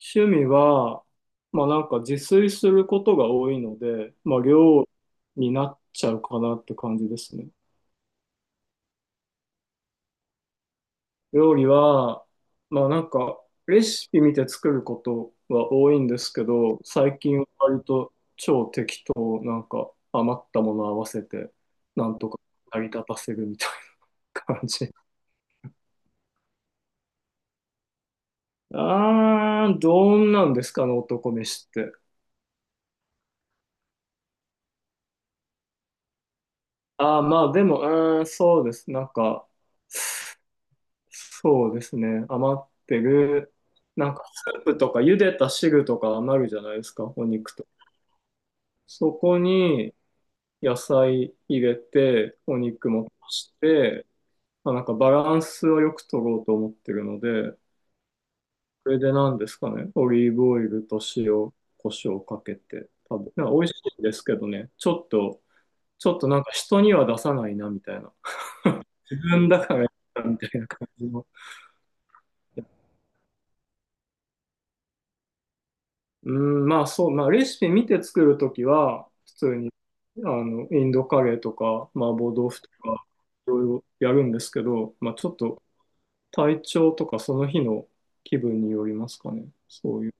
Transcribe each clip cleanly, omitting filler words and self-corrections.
趣味は、まあなんか自炊することが多いので、まあ料理になっちゃうかなって感じですね。料理は、まあなんかレシピ見て作ることは多いんですけど、最近は割と超適当、なんか余ったもの合わせて、なんとか成り立たせるみたいな感じ。どんなんですかね、男飯って。ああまあでも、うーん、そうです。なんか、そうですね。余ってる、なんかスープとか茹でた汁とか余るじゃないですか、お肉と。そこに野菜入れて、お肉も足して、まあ、なんかバランスをよく取ろうと思ってるので、これで何ですかね、オリーブオイルと塩、胡椒をかけて食べ、なんか美味しいんですけどね、ちょっとなんか人には出さないなみたいな、自分だからみたいな感じの。うん、まあそう、まあレシピ見て作るときは、普通に、あの、インドカレーとか、麻婆豆腐とか、いろいろやるんですけど、まあちょっと体調とかその日の気分によりますかね。そういう。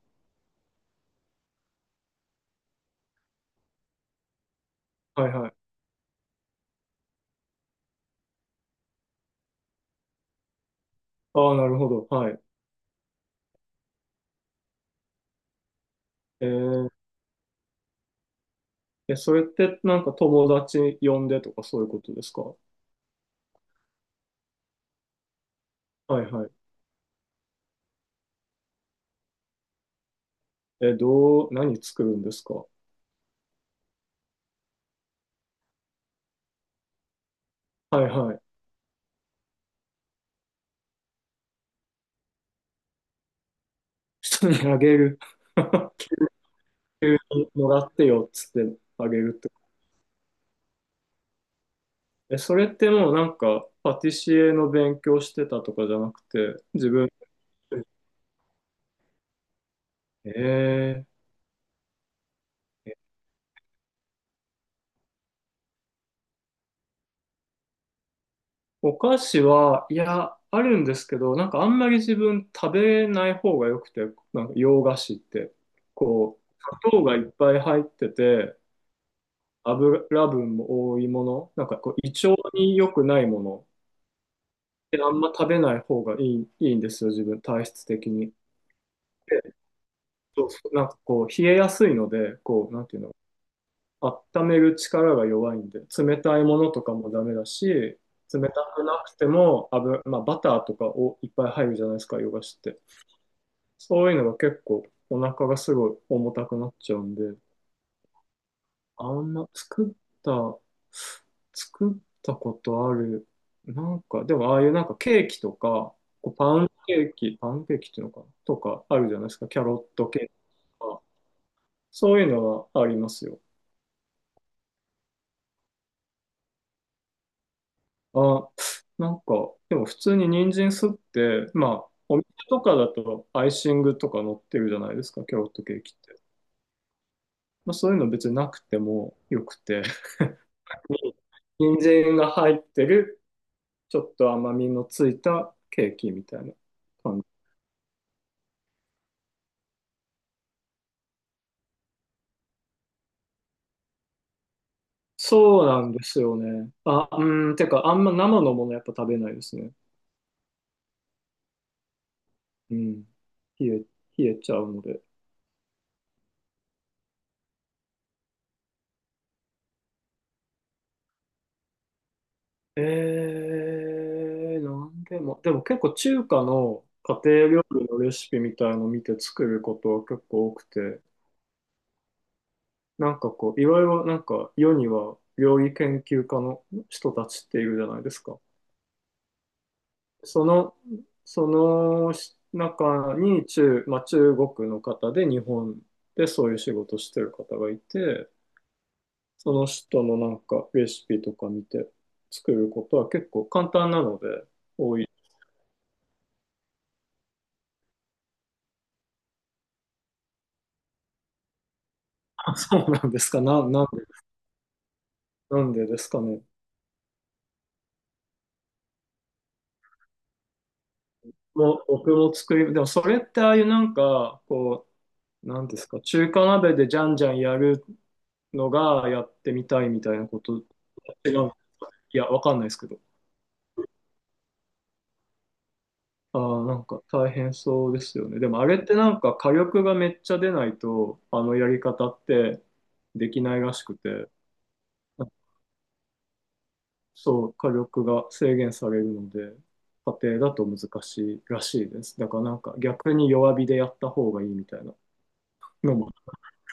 はいはい。ああ、なるほど。はい。えー、え、それってなんか友達呼んでとかそういうことですか？はいはい。え、どう、何作るんですか？はいはい。人にあげる。急にもらってよっつってあげる。え、それってもうなんか、パティシエの勉強してたとかじゃなくて、自分、えー、お菓子は、いや、あるんですけど、なんかあんまり自分食べない方が良くて、なんか洋菓子って、こう、砂糖がいっぱい入ってて、油分も多いもの、なんかこう、胃腸に良くないもの、であんま食べない方がいいんですよ、自分、体質的に。で、そうそうなんかこう、冷えやすいので、こう、なんていうの、温める力が弱いんで、冷たいものとかもダメだし、冷たくなくても油、まあ、バターとかをいっぱい入るじゃないですか、ヨガしって。そういうのが結構お腹がすごい重たくなっちゃうんで、あんまた、作ったことある、なんか、でもああいうなんかケーキとか、こうパンケーキっていうのかなとかあるじゃないですか、キャロットケーキとか、そういうのはありますよ。あ、なんか、でも普通に人参すって、まあ、お店とかだとアイシングとか乗ってるじゃないですか、キャロットケーキって。まあ、そういうの別になくてもよくて、人参が入ってる、ちょっと甘みのついたケーキみたいな感じ。そうなんですよね。あ、うん、てか、あんま生のものやっぱ食べないですね。うん。冷え、冷えちゃうので。ええ、なんでも、でも結構中華の家庭料理のレシピみたいの見て作ることは結構多くて、なんかこう、いろいろなんか世には料理研究家の人たちっているじゃないですか。その、その中に中、まあ、中国の方で日本でそういう仕事してる方がいて、その人のなんかレシピとか見て作ることは結構簡単なので多い。そうなんですか。なんでですかね。もう僕も作り、でもそれってああいうなんか、こう、なんですか、中華鍋でじゃんじゃんやるのがやってみたいみたいなこと、違う、いや、わかんないですけど。ああ、なんか大変そうですよね。でもあれってなんか火力がめっちゃ出ないと、あのやり方ってできないらしくて、そう、火力が制限されるので、家庭だと難しいらしいです。だからなんか逆に弱火でやった方がいいみたいなのも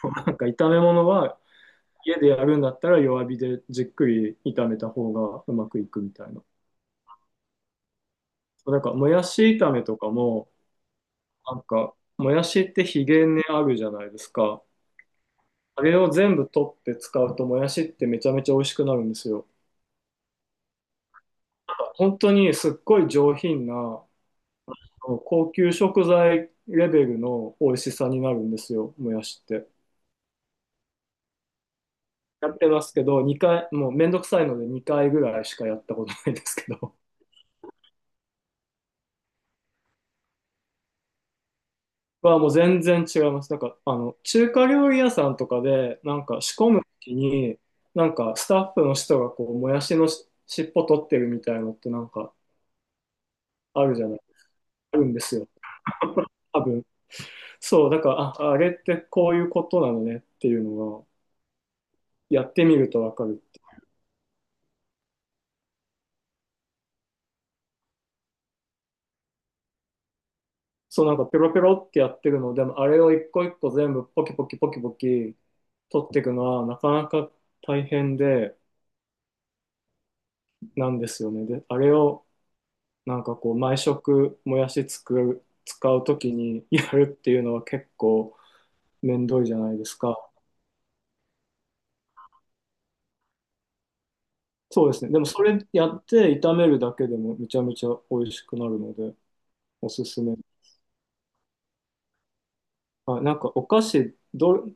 なんか炒め物は家でやるんだったら弱火でじっくり炒めた方がうまくいくみたいな。そうなんかもやし炒めとかも、なんかもやしってひげ根あるじゃないですか。あれを全部取って使うともやしってめちゃめちゃ美味しくなるんですよ。本当にすっごい上品なあの高級食材レベルの美味しさになるんですよ、もやしって。やってますけど、2回、もうめんどくさいので2回ぐらいしかやったことないですけど。はもう全然違います。なんか、あの、中華料理屋さんとかで、なんか仕込むときに、なんかスタッフの人がこう、もやしのし尻尾取ってるみたいのってなんかあるじゃない、あるんですよ。多分。そう、だから、あ、あれってこういうことなのねっていうのが、やってみるとわかる。そう、なんかペロペロってやってるのでも、あれを一個一個全部ポキポキポキポキ取っていくのは、なかなか大変で、なんですよね。で、あれを、なんかこう毎食もやし使うときにやるっていうのは結構めんどいじゃないですか。そうですね。でもそれやって炒めるだけでもめちゃめちゃ美味しくなるのでおすすめ。はい。なんかお菓子ど、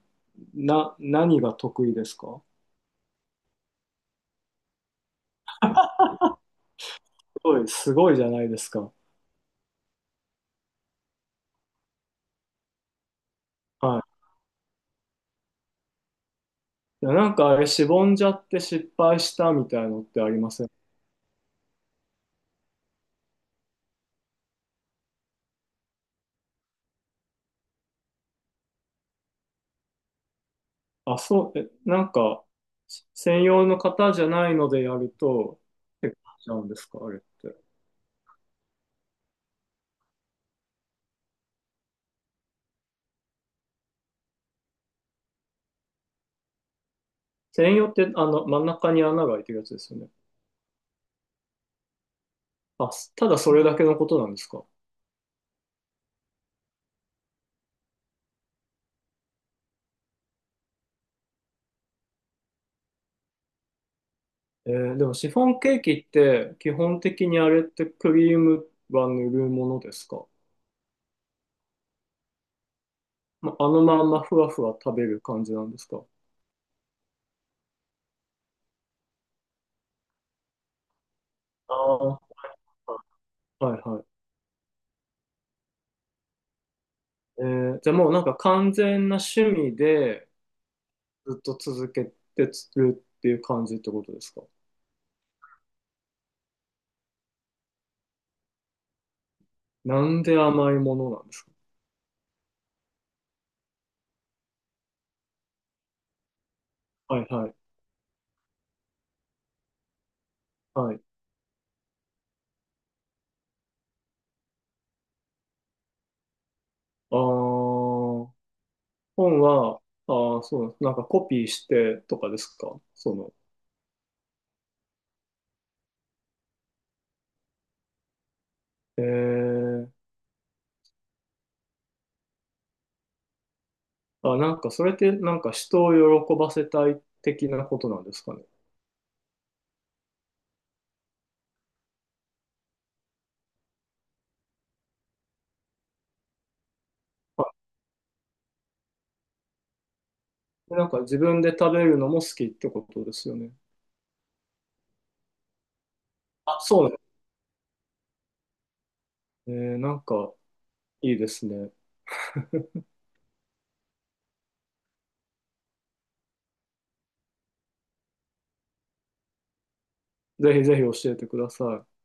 な、何が得意ですか？すごい、すごいじゃないですか。はい。いやなんかあれしぼんじゃって失敗したみたいのってありません？あ、そう、え、なんか専用の方じゃないのでやると、結構しちゃうんですか、あれって。専用ってあの真ん中に穴が開いてるやつですよね。あ、すただそれだけのことなんですか。でもシフォンケーキって基本的にあれってクリームは塗るものですか。まあのまんまふわふわ食べる感じなんですか。ああ、はいはい。じゃあもうなんか完全な趣味でずっと続けてるっていう感じってことですか。なんで甘いものなんですか。はいはい。はい。ああ。本は、ああ、そう、なんかコピーしてとかですかその、ええあ、なんかそれってなんか人を喜ばせたい的なことなんですかね。あ、なんか自分で食べるのも好きってことですよね。あ、そうなんです。なんかいいですね。ぜひぜひ教えてください。